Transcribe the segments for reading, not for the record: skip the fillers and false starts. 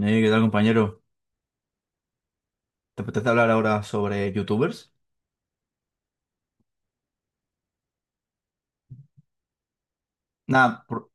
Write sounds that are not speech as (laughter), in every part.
¿Qué tal, compañero? ¿Te apetece hablar ahora sobre youtubers? Nada,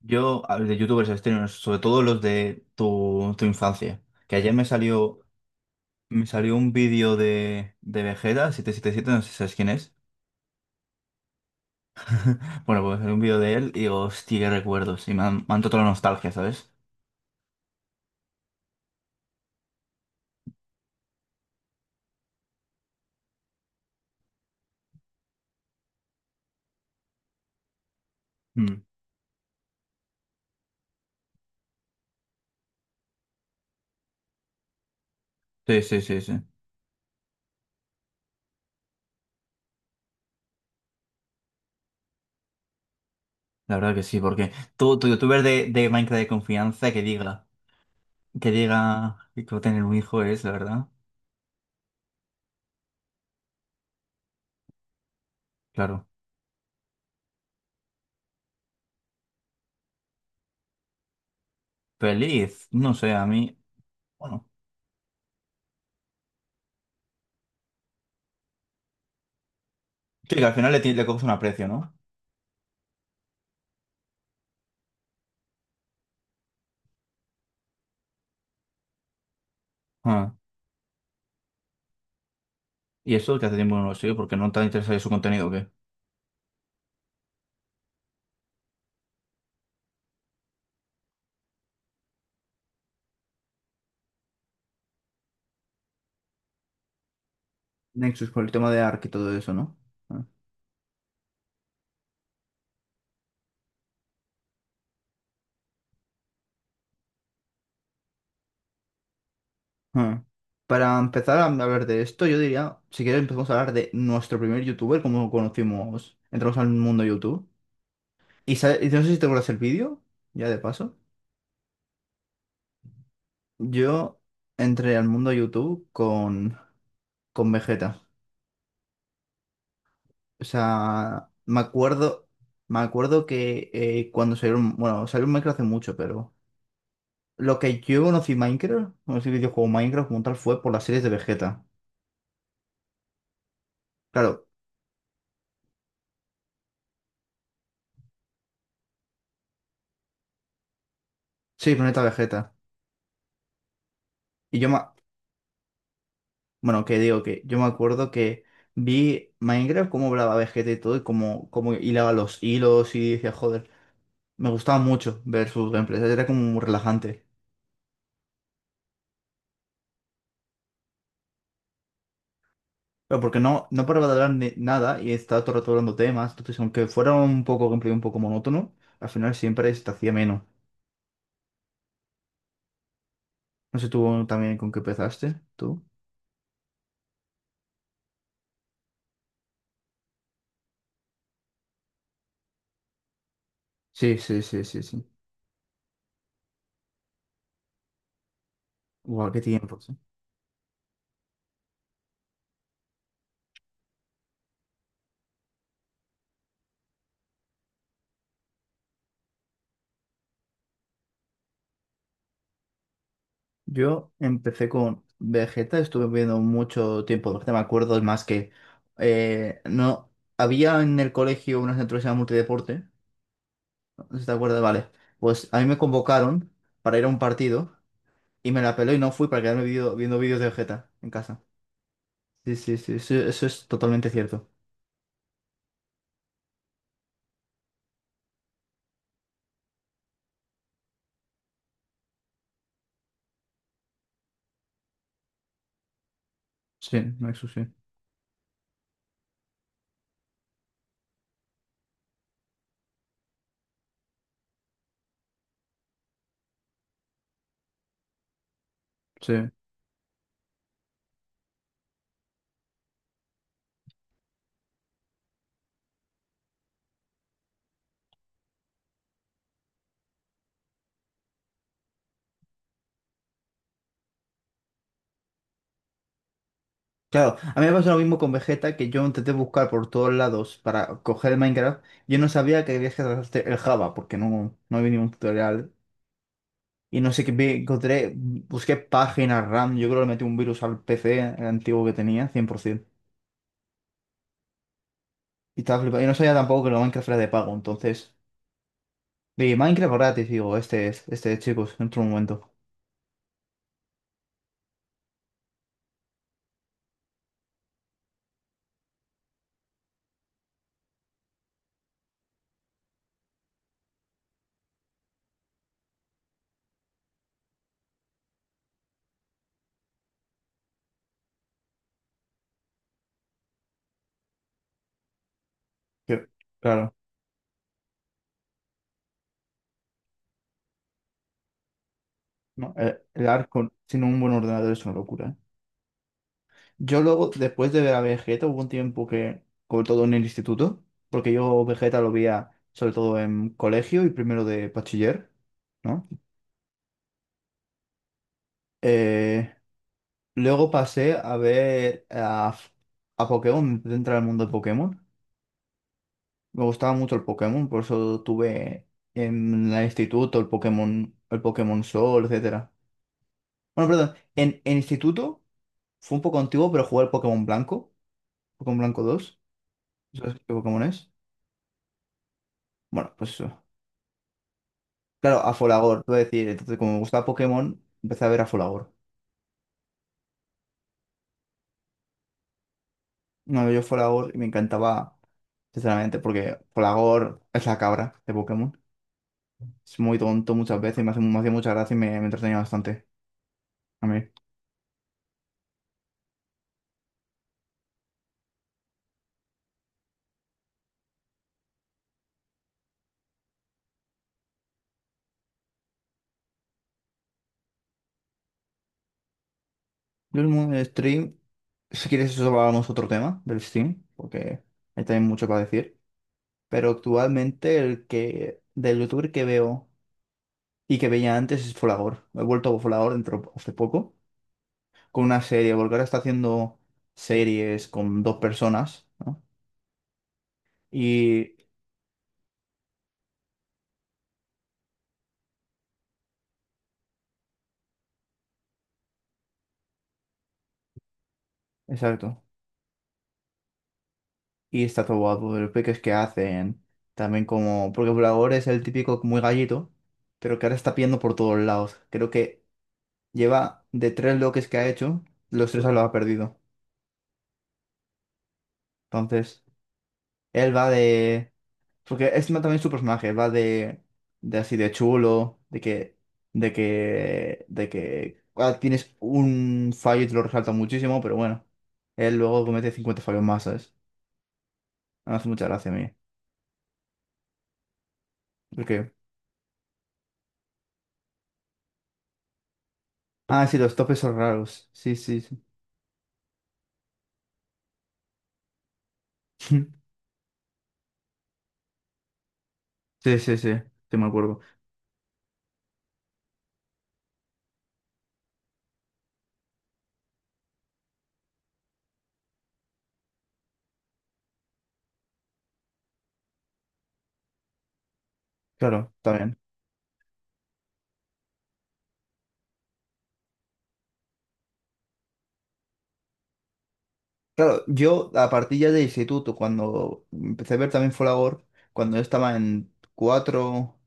yo a ver, de youtubers extraños, sobre todo los de tu infancia. Que ayer me salió un vídeo de Vegeta 777. No sé si sabes quién es. (laughs) Bueno, pues salió un vídeo de él y digo, hostia, qué recuerdos. Y me han tocado la nostalgia, ¿sabes? Mm. Sí, sí, sí, sí. La verdad que sí, porque tu youtuber de Minecraft de confianza que diga que va a tener un hijo es, la verdad. Claro. Feliz, no sé, a mí. Bueno. Sí, que al final le coges un aprecio, ¿no? Ah. ¿Y eso que hace tiempo no lo sigue porque no te ha interesado su contenido, o qué? Nexus, por el tema de Ark y todo eso, ¿no? Ah, ah. Para empezar a hablar de esto, yo diría, si quieres empezamos a hablar de nuestro primer youtuber, cómo conocimos, entramos al mundo YouTube. Y no sé si te acuerdas el vídeo, ya de paso. Yo entré al mundo YouTube con Vegeta. O sea, me acuerdo que cuando salió, bueno, salió un Minecraft hace mucho, pero. Lo que yo conocí Minecraft, conocí el videojuego Minecraft como tal fue por las series de Vegeta. Claro, sí, Planeta Vegeta. Y yo me. Bueno, que digo que yo me acuerdo que vi Minecraft, cómo hablaba Vegeta y todo, y cómo hilaba los hilos y decía, joder, me gustaba mucho ver sus gameplays, era como muy relajante. Pero porque no paraba de hablar nada y estaba todo el rato hablando temas, entonces aunque fuera un poco gameplay un poco monótono, al final siempre se te hacía menos. No sé tú también con qué empezaste, tú. Sí, sí, sí, sí, sí. Guau, qué tiempos. Yo empecé con Vegeta, estuve viendo mucho tiempo, Vegeta, me acuerdo, es más que no había en el colegio una centro que se llama multideporte, ¿no? ¿Si te acuerdas? Vale, pues a mí me convocaron para ir a un partido y me la peló y no fui para quedarme viendo vídeos de Vegeta en casa. Sí, sí, sí, sí, eso es totalmente cierto. Sí, eso sí, sí. Claro, a mí me pasó lo mismo con Vegeta, que yo intenté buscar por todos lados para coger el Minecraft. Yo no sabía que debías descargarte el Java, porque no había ningún tutorial. Y no sé qué, encontré, busqué páginas RAM, yo creo que le metí un virus al PC antiguo que tenía, 100%. Y estaba flipado. Y no sabía tampoco que lo Minecraft era de pago, entonces. Y Minecraft gratis, digo, este es, chicos, en otro momento. Que, claro, no, el Ark sin un buen ordenador es una locura, ¿eh? Yo luego, después de ver a Vegeta, hubo un tiempo que, sobre todo en el instituto, porque yo Vegeta lo veía sobre todo en colegio y primero de bachiller, ¿no? Eh, luego pasé a ver a, Pokémon, me empecé a entrar al mundo de Pokémon. Me gustaba mucho el Pokémon, por eso tuve en el instituto el Pokémon Sol, etcétera. Bueno, perdón, en instituto fue un poco antiguo, pero jugué al Pokémon Blanco, Pokémon Blanco dos, ¿no? ¿Sabes qué Pokémon es? Bueno, pues eso. Claro, a Folagor, te voy a decir. Entonces, como me gustaba Pokémon, empecé a ver a Folagor. No, yo Folagor y me encantaba, sinceramente, porque Folagor es la cabra de Pokémon. Es muy tonto muchas veces, me hacía mucha gracia y me entretenía bastante. A mí. Yo el stream, si quieres eso hablamos otro tema del stream, porque hay también mucho para decir. Pero actualmente el que del youtuber que veo y que veía antes es Folagor. He vuelto a Folagor dentro hace poco con una serie, porque ahora está haciendo series con dos personas, ¿no? Y exacto. Y está todo guapo. Los peques que hacen, también como. Porque Bulagor es el típico muy gallito, pero que ahora está pidiendo por todos lados. Creo que lleva de tres loques que ha hecho, los tres lo ha perdido. Entonces, él va de. Porque es también su personaje, va de. De así de chulo, de que. De que. De que. Ah, tienes un fallo y te lo resalta muchísimo, pero bueno. Él luego comete 50 fallos más, ¿sabes? Me hace mucha gracia a mí. Porque. Ah, sí, los topes son raros. Sí, sí. Sí. (laughs) Sí, sí, sí, sí me acuerdo. Claro, está bien. Claro, yo a partir ya de instituto, cuando empecé a ver también Folagor, cuando yo estaba en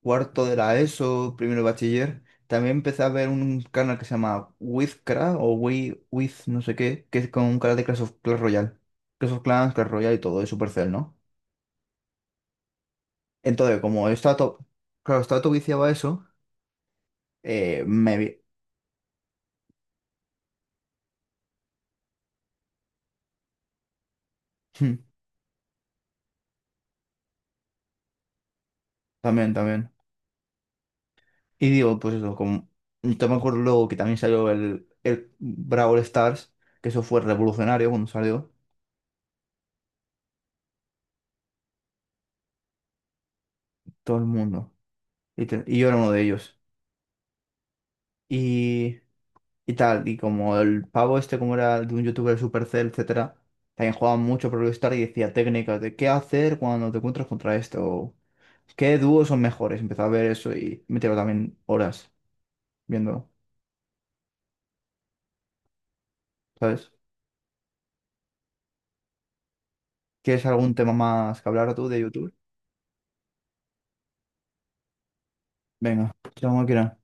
cuarto de la ESO, primero de bachiller, también empecé a ver un canal que se llama Wizcra o With, no sé qué, que es con un canal de Clash of Clash Royale. Clash of Clans, Clash Royale y todo, de Supercell, ¿no? Entonces, como yo estaba todo, claro, estaba todo viciado a eso, me vi. (laughs) También, también. Y digo, pues eso, como yo me acuerdo luego que también salió el Brawl Stars, que eso fue revolucionario cuando salió, todo el mundo. Y yo era uno de ellos. Y, y tal, y como el pavo este, como era de un youtuber Supercell, etcétera, también jugaba mucho Brawl Stars y decía técnicas de qué hacer cuando te encuentras contra esto, o qué dúos son mejores. Empezaba a ver eso y me tiraba también horas viéndolo, ¿sabes? ¿Quieres algún tema más que hablar tú de YouTube? Venga, chao, máquina.